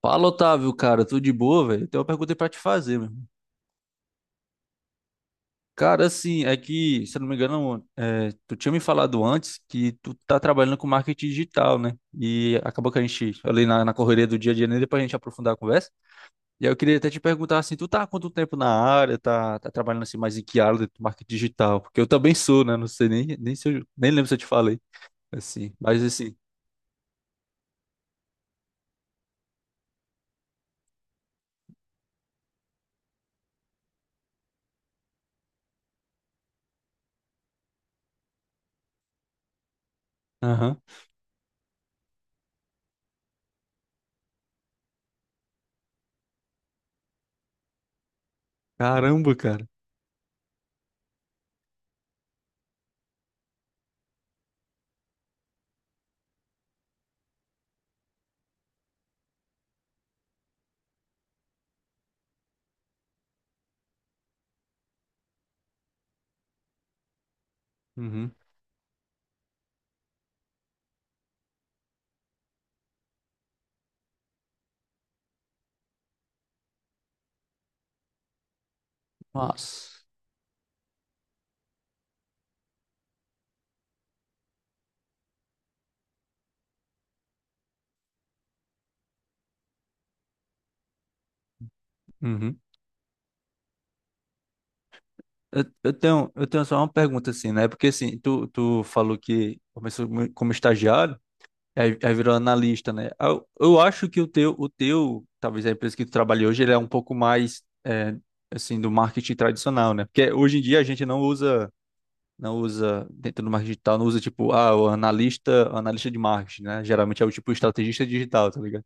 Fala, Otávio, cara, tudo de boa, velho? Eu tenho uma pergunta aí pra te fazer, meu irmão. Cara, assim, é que, se eu não me engano, tu tinha me falado antes que tu tá trabalhando com marketing digital, né? E acabou que a gente, ali na correria do dia a dia, nem depois a gente aprofundar a conversa. E aí eu queria até te perguntar, assim, tu tá há quanto tempo na área, tá trabalhando assim mais em que área do marketing digital? Porque eu também sou, né? Não sei nem se eu, nem lembro se eu te falei, assim, mas assim, aham. Caramba, cara. Uhum. Nossa. Eu tenho, eu tenho só uma pergunta assim, né? Porque assim, tu falou que começou como estagiário, aí virou analista, né? Ah, eu acho que o teu, talvez a empresa que tu trabalha hoje, ele é um pouco mais, assim, do marketing tradicional, né? Porque hoje em dia a gente não usa, não usa, dentro do marketing digital, não usa tipo, ah, o analista de marketing, né? Geralmente é o tipo estrategista digital, tá ligado?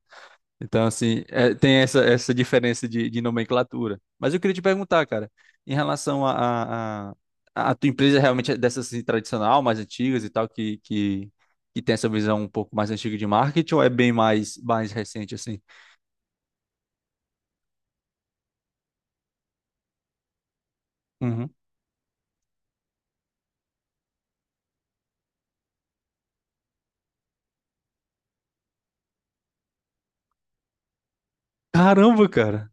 Então, assim, é, tem essa, essa diferença de nomenclatura. Mas eu queria te perguntar, cara, em relação a tua empresa realmente é dessas assim, tradicional, mais antigas e tal, que tem essa visão um pouco mais antiga de marketing, ou é bem mais, mais recente, assim? Uhum. Caramba, cara!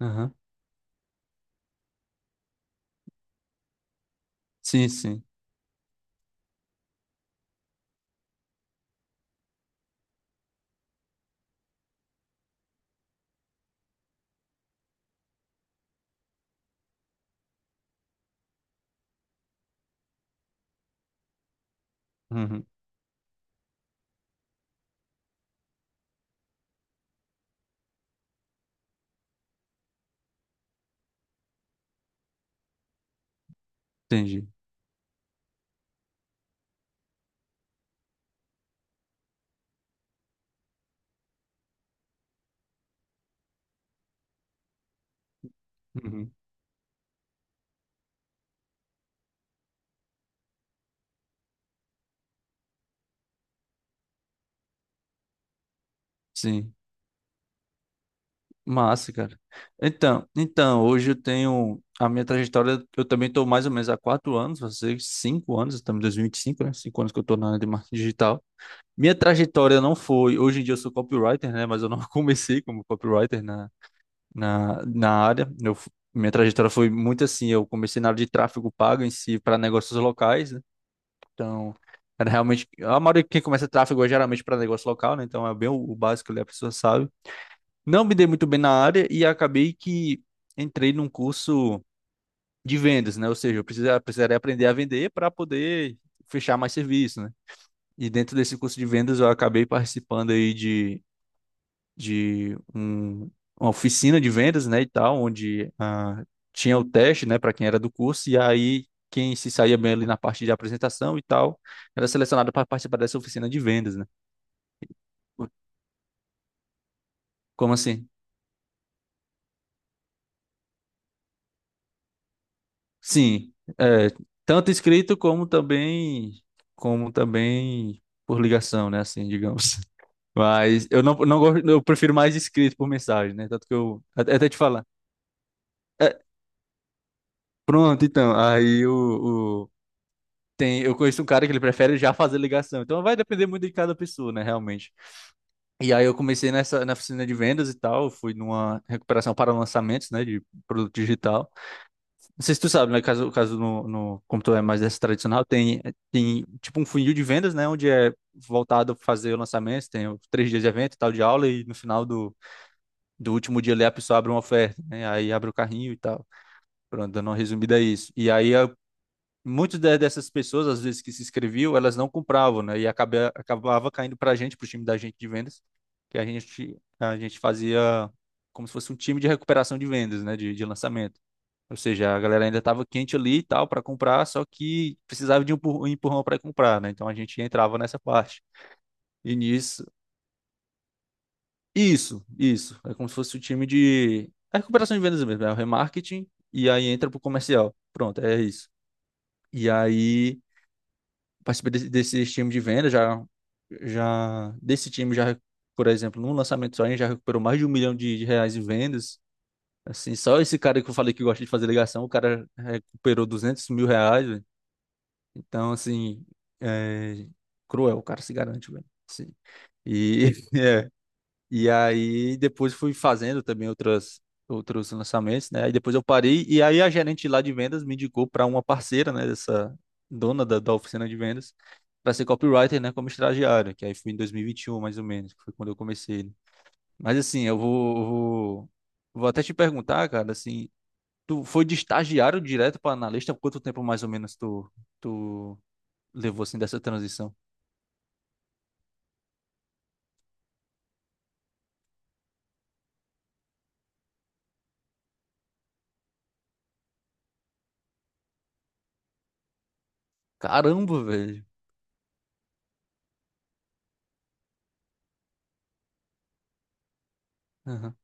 Aham. Sim, sim. Uhum. Entendi. Uhum. Sim. Massa, cara. Então, então, hoje eu tenho a minha trajetória. Eu também estou mais ou menos há quatro anos, você cinco anos, estamos em 2025, né? Cinco anos que eu estou na área de marketing digital. Minha trajetória não foi. Hoje em dia eu sou copywriter, né? Mas eu não comecei como copywriter na, na, na área. Eu, minha trajetória foi muito assim. Eu comecei na área de tráfego pago em si para negócios locais, né? Então, era realmente. A maioria de quem começa tráfego é geralmente para negócio local, né? Então é bem o básico ali, a pessoa sabe não me dei muito bem na área e acabei que entrei num curso de vendas, né? Ou seja, eu precisaria aprender a vender para poder fechar mais serviço, né? E dentro desse curso de vendas eu acabei participando aí de, de um- uma oficina de vendas, né, e tal, onde ah, tinha o teste, né, para quem era do curso e aí quem se saía bem ali na parte de apresentação e tal, era selecionado para participar dessa oficina de vendas, né? Como assim? Sim, é, tanto escrito como também como também por ligação, né, assim, digamos. Mas eu não, não gosto, eu prefiro mais escrito por mensagem, né? Tanto que eu até te falar. É, pronto, então, tem, eu conheço um cara que ele prefere já fazer ligação. Então vai depender muito de cada pessoa, né, realmente. E aí eu comecei nessa na oficina de vendas e tal, fui numa recuperação para lançamentos, né, de produto digital. Não sei se tu sabe, né? Caso, caso no, no computador é mais dessa tradicional, tem, tem tipo um funil de vendas, né? Onde é voltado para fazer o lançamento, tem os três dias de evento e tal de aula, e no final do, do último dia ali a pessoa abre uma oferta, né? Aí abre o carrinho e tal. Pronto, dando uma resumida a isso. E aí muitas dessas pessoas, às vezes que se inscreviam, elas não compravam, né? E acaba, acabava caindo para a gente, para o time da gente de vendas, que a gente fazia como se fosse um time de recuperação de vendas, né? De lançamento. Ou seja, a galera ainda estava quente ali e tal para comprar, só que precisava de um um empurrão para comprar, né? Então a gente entrava nessa parte. E nisso, isso, isso. É como se fosse o time de. É recuperação de vendas mesmo, é o remarketing, e aí entra pro comercial. Pronto, é isso. E aí participei desse, desse time de venda, já, já desse time já, por exemplo, num lançamento só, a gente já recuperou mais de R$ 1 milhão em vendas. Assim, só esse cara que eu falei que gosta de fazer ligação, o cara recuperou R$ 200 mil, velho. Então, assim, é cruel, o cara se garante, velho. Sim. E, é, e aí depois fui fazendo também outras outros lançamentos, né? Aí depois eu parei e aí a gerente lá de vendas me indicou para uma parceira, né, dessa dona da, da oficina de vendas, para ser copywriter, né, como estagiário, que aí foi em 2021 mais ou menos, que foi quando eu comecei, né. Mas assim, eu vou vou até te perguntar, cara, assim, tu foi de estagiário direto para analista, quanto tempo mais ou menos tu levou assim dessa transição? Caramba, velho. Aham,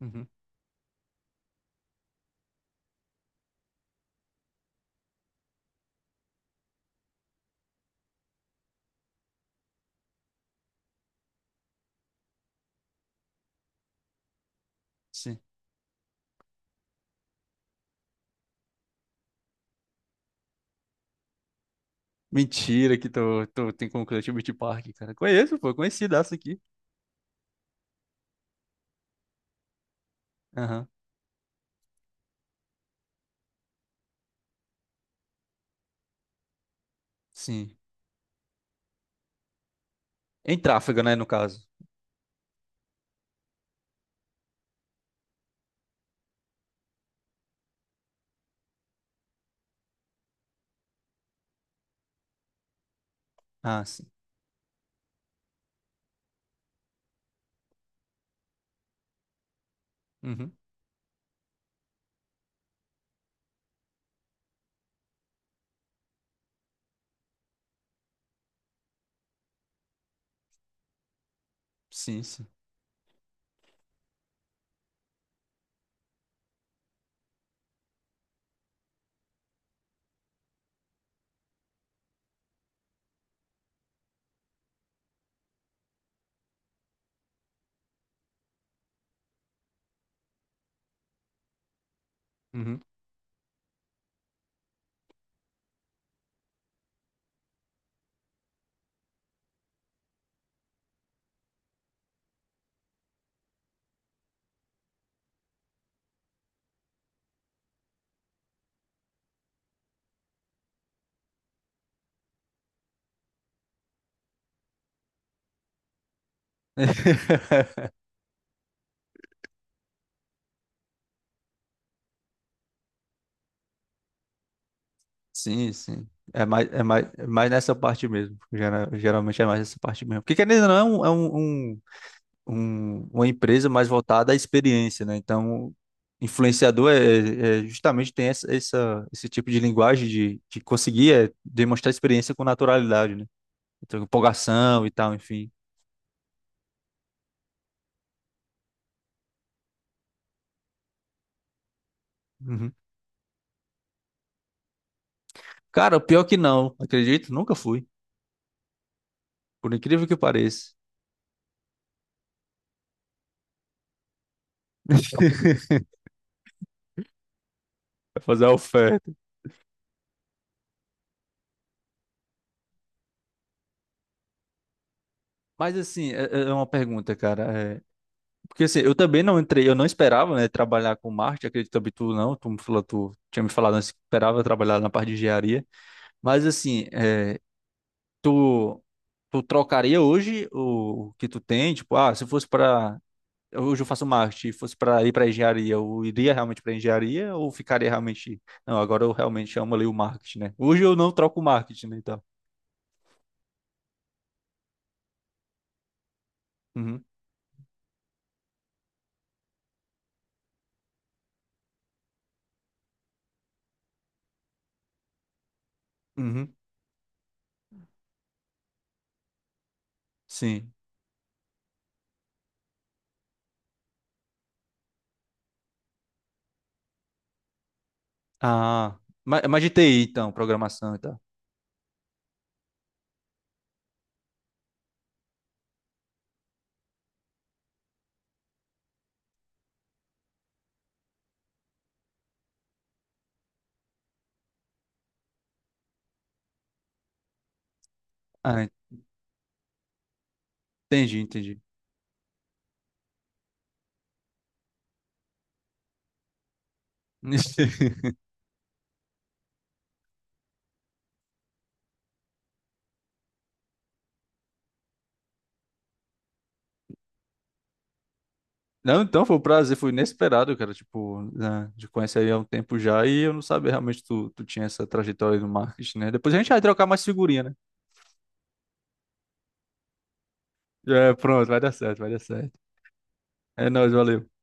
uhum, sim. Mentira que tu, tu tem como cliente o Beach Park, cara. Conheço, pô, conhecidaço aqui. Aham, sim. Em tráfego, né, no caso. Ah, sim. Uhum. Sim, sim. Uhum. Sim, sim. É mais nessa parte mesmo. Geralmente é mais nessa parte mesmo. Porque querendo ou não, é um, um, uma empresa mais voltada à experiência, né? Então, influenciador é, justamente tem essa, esse tipo de linguagem de conseguir é, demonstrar experiência com naturalidade, né? Então, empolgação e tal, enfim. Uhum. Cara, pior que não, acredito, nunca fui. Por incrível que pareça. Vai fazer a oferta. Mas assim, é, é uma pergunta, cara, é, porque assim, eu também não entrei, eu não esperava, né, trabalhar com marketing, acredito também tu não, tu me falou, tu tinha me falado antes que esperava trabalhar na parte de engenharia. Mas assim, é, tu, tu trocaria hoje o que tu tem? Tipo, ah, se fosse pra hoje eu faço marketing, fosse para ir para engenharia, eu iria realmente para engenharia ou ficaria realmente. Não, agora eu realmente amo ali o marketing, né? Hoje eu não troco o marketing, né? Então. Uhum, uhum, sim. Ah, mas de TI, então, programação e tal. Ah, entendi, entendi. Não, então foi um prazer, foi inesperado, cara. Tipo, né, de conhecer aí há um tempo já e eu não sabia realmente que tu, tu tinha essa trajetória aí no marketing, né? Depois a gente vai trocar mais figurinha, né? É, pronto, vai dar certo, vai dar certo. É nóis, valeu.